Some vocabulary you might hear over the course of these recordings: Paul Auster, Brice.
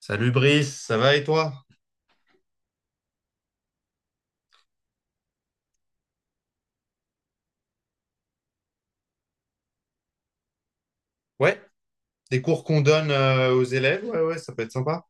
Salut Brice, ça va et toi? Ouais, des cours qu'on donne aux élèves, ouais, ça peut être sympa.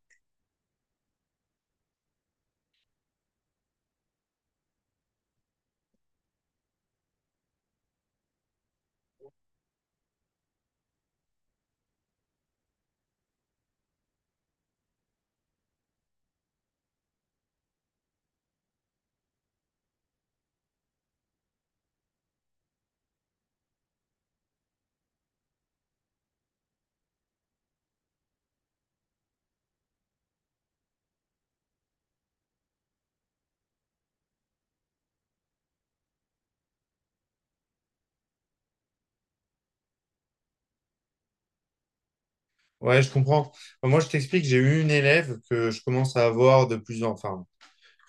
Ouais, je comprends. Enfin, moi, je t'explique, j'ai eu une élève que je commence à avoir de plus en, enfin,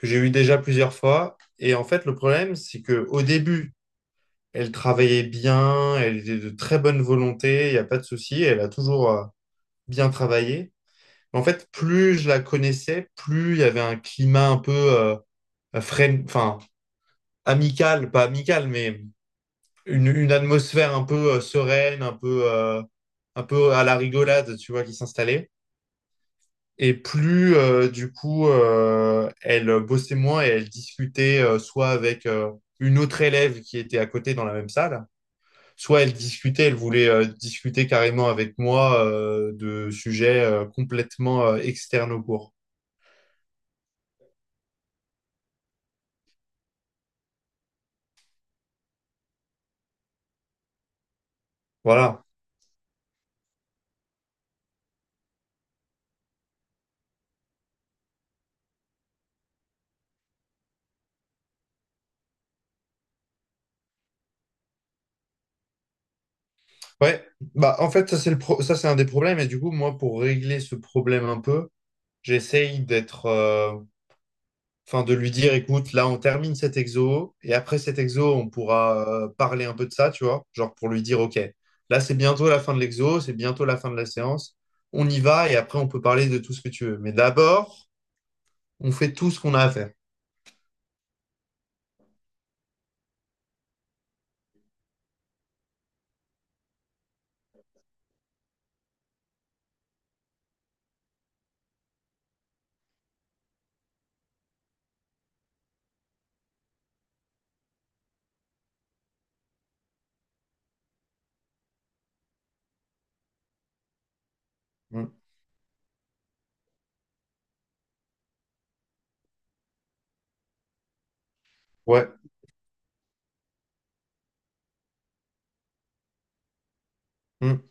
que j'ai eu déjà plusieurs fois. Et en fait, le problème, c'est que au début, elle travaillait bien, elle était de très bonne volonté, il n'y a pas de souci, elle a toujours bien travaillé. En fait, plus je la connaissais, plus il y avait un climat un peu enfin, amical, pas amical, mais une atmosphère un peu sereine, un peu à la rigolade, tu vois, qui s'installait. Et plus, du coup, elle bossait moins et elle discutait soit avec une autre élève qui était à côté dans la même salle, soit elle discutait, elle voulait discuter carrément avec moi de sujets complètement externes au cours. Voilà. Ouais, bah en fait ça c'est le ça c'est un des problèmes et du coup moi pour régler ce problème un peu, j'essaye d'être enfin, de lui dire, écoute, là, on termine cet exo, et après cet exo, on pourra parler un peu de ça, tu vois, genre pour lui dire, OK, là, c'est bientôt la fin de l'exo, c'est bientôt la fin de la séance, on y va, et après, on peut parler de tout ce que tu veux. Mais d'abord, on fait tout ce qu'on a à faire. Mm. Ouais. Mm.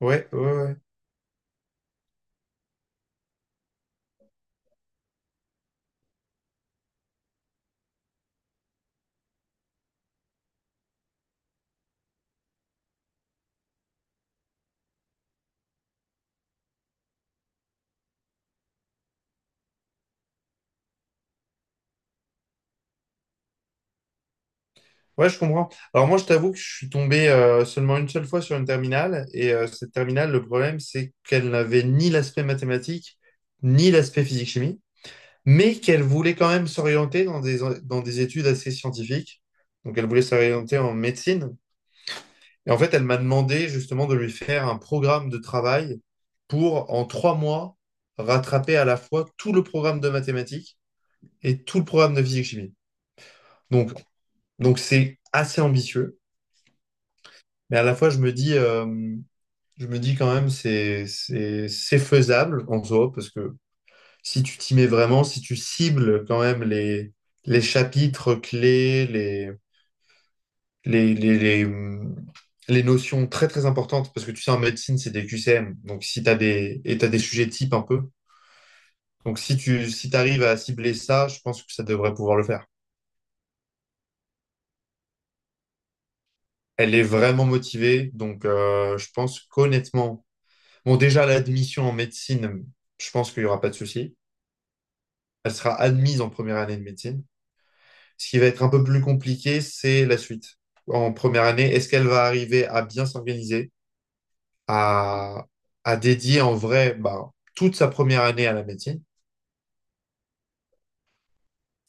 Ouais, ouais, ouais. Ouais, je comprends. Alors moi, je t'avoue que je suis tombé seulement une seule fois sur une terminale, et cette terminale, le problème, c'est qu'elle n'avait ni l'aspect mathématique, ni l'aspect physique-chimie, mais qu'elle voulait quand même s'orienter dans des études assez scientifiques. Donc, elle voulait s'orienter en médecine. Et en fait, elle m'a demandé justement de lui faire un programme de travail pour, en trois mois, rattraper à la fois tout le programme de mathématiques et tout le programme de physique-chimie. Donc, donc c'est assez ambitieux, mais à la fois, je me dis quand même, c'est faisable en soi, parce que si tu t'y mets vraiment, si tu cibles quand même les chapitres clés, les, les, les, hum, les notions très très importantes, parce que tu sais, en médecine, c'est des QCM, donc si t'as des, et t'as des sujets types un peu. Donc si tu si t'arrives à cibler ça, je pense que ça devrait pouvoir le faire. Elle est vraiment motivée, donc je pense qu'honnêtement, bon déjà l'admission en médecine, je pense qu'il n'y aura pas de souci. Elle sera admise en première année de médecine. Ce qui va être un peu plus compliqué, c'est la suite. En première année, est-ce qu'elle va arriver à bien s'organiser? À, à dédier en vrai bah, toute sa première année à la médecine.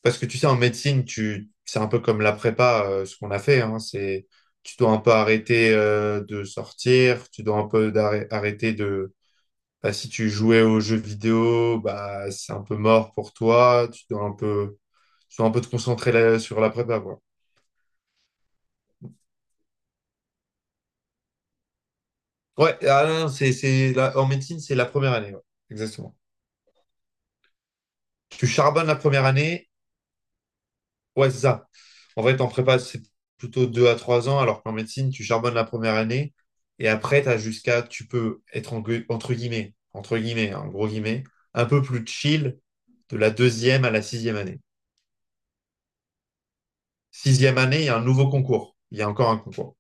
Parce que tu sais, en médecine, tu, c'est un peu comme la prépa, ce qu'on a fait. Hein, c'est, tu dois un peu arrêter de sortir, tu dois un peu arrêter de... Bah, si tu jouais aux jeux vidéo, bah, c'est un peu mort pour toi. Tu dois un peu, tu dois un peu te concentrer sur la prépa, quoi. Ouais, ah non, non, c'est, en médecine, c'est la première année. Ouais, exactement. Tu charbonnes la première année. Ouais, c'est ça. En fait, en prépa, c'est plutôt 2 à 3 ans, alors qu'en médecine, tu charbonnes la première année et après, t'as jusqu'à, tu peux être en entre guillemets, hein, en gros guillemets, un peu plus chill de la deuxième à la sixième année. Sixième année, il y a un nouveau concours. Il y a encore un concours.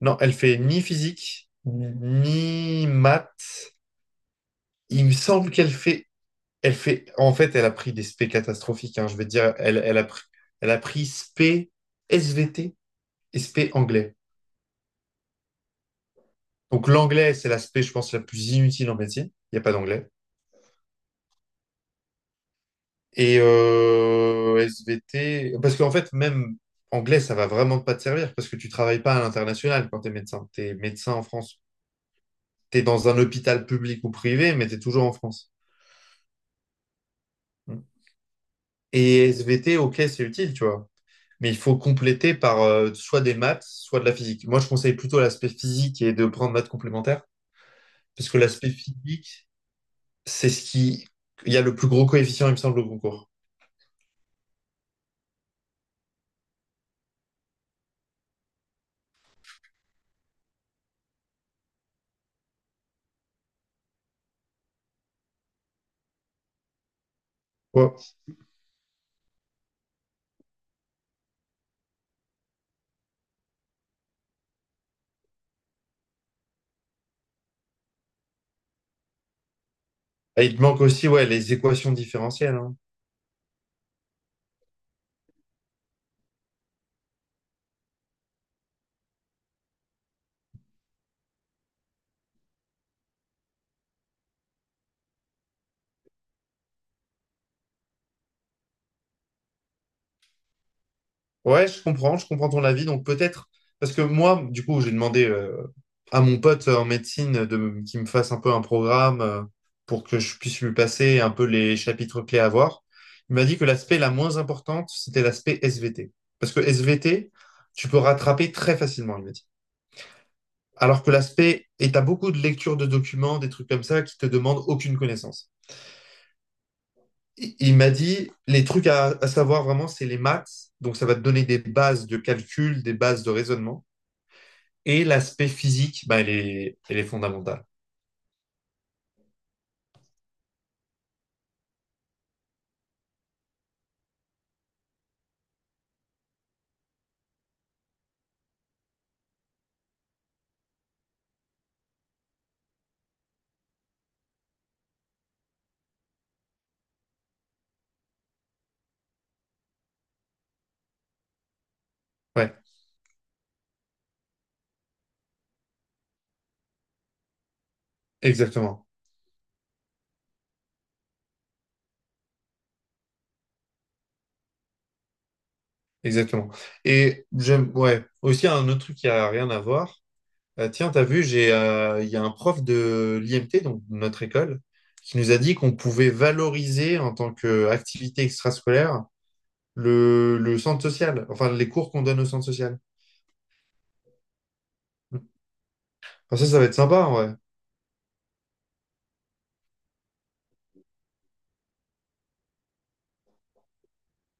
Non, elle fait ni physique, ni maths. Il me semble qu'elle fait, elle fait, en fait, elle a pris des spé catastrophiques, hein, je vais te dire, elle a pris spé SVT et spé anglais. Donc l'anglais, c'est l'aspect, je pense, la plus inutile en médecine. Il n'y a pas d'anglais. Et SVT, parce qu'en fait, même anglais, ça va vraiment pas te servir parce que tu travailles pas à l'international quand tu es médecin. Tu es médecin en France. Tu es dans un hôpital public ou privé, mais tu es toujours en France. Et SVT, ok, c'est utile, tu vois. Mais il faut compléter par soit des maths, soit de la physique. Moi, je conseille plutôt l'aspect physique et de prendre maths complémentaires parce que l'aspect physique, c'est ce qui... Il y a le plus gros coefficient, il me semble, au concours. Ouais. Et il te manque aussi ouais, les équations différentielles, hein. Ouais, je comprends ton avis. Donc peut-être, parce que moi, du coup, j'ai demandé à mon pote en médecine de, qu'il me fasse un peu un programme pour que je puisse lui passer un peu les chapitres clés à voir. Il m'a dit que l'aspect la moins importante, c'était l'aspect SVT. Parce que SVT, tu peux rattraper très facilement, il m'a dit. Alors que l'aspect, et t'as beaucoup de lectures de documents, des trucs comme ça, qui te demandent aucune connaissance. Il m'a dit, les trucs à savoir vraiment, c'est les maths. Donc, ça va te donner des bases de calcul, des bases de raisonnement. Et l'aspect physique, bah, elle est fondamentale. Ouais, exactement. Exactement. Et j'aime, ouais, aussi un autre truc qui a rien à voir. Tiens, t'as vu, il y a un prof de l'IMT, donc de notre école, qui nous a dit qu'on pouvait valoriser en tant qu'activité extrascolaire le centre social, enfin les cours qu'on donne au centre social. Enfin, ça va être sympa, ouais.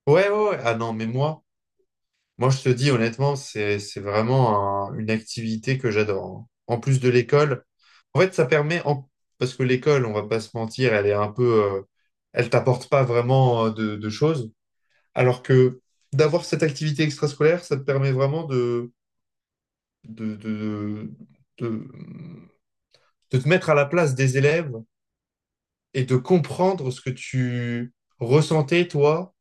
Ouais, ouais, ouais. Ah non, mais moi, je te dis honnêtement, c'est vraiment une activité que j'adore, hein. En plus de l'école, en fait, ça permet, parce que l'école, on va pas se mentir, elle est un peu, elle t'apporte pas vraiment de choses. Alors que d'avoir cette activité extrascolaire, ça te permet vraiment de, de, de, de te mettre à la place des élèves et de comprendre ce que tu ressentais, toi,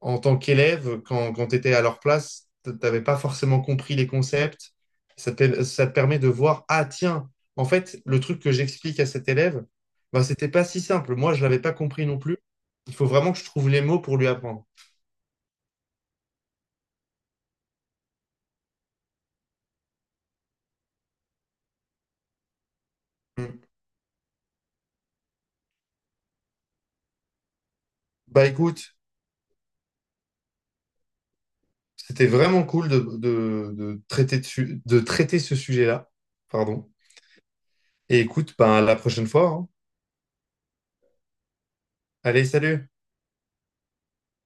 en tant qu'élève, quand, quand tu étais à leur place, tu n'avais pas forcément compris les concepts. Ça te permet de voir, ah tiens, en fait, le truc que j'explique à cet élève, bah, c'était pas si simple. Moi, je l'avais pas compris non plus. Il faut vraiment que je trouve les mots pour lui apprendre. Mm. Bah écoute, c'était vraiment cool de traiter ce sujet-là. Pardon. Et écoute, ben, à la prochaine fois, hein. Allez, salut!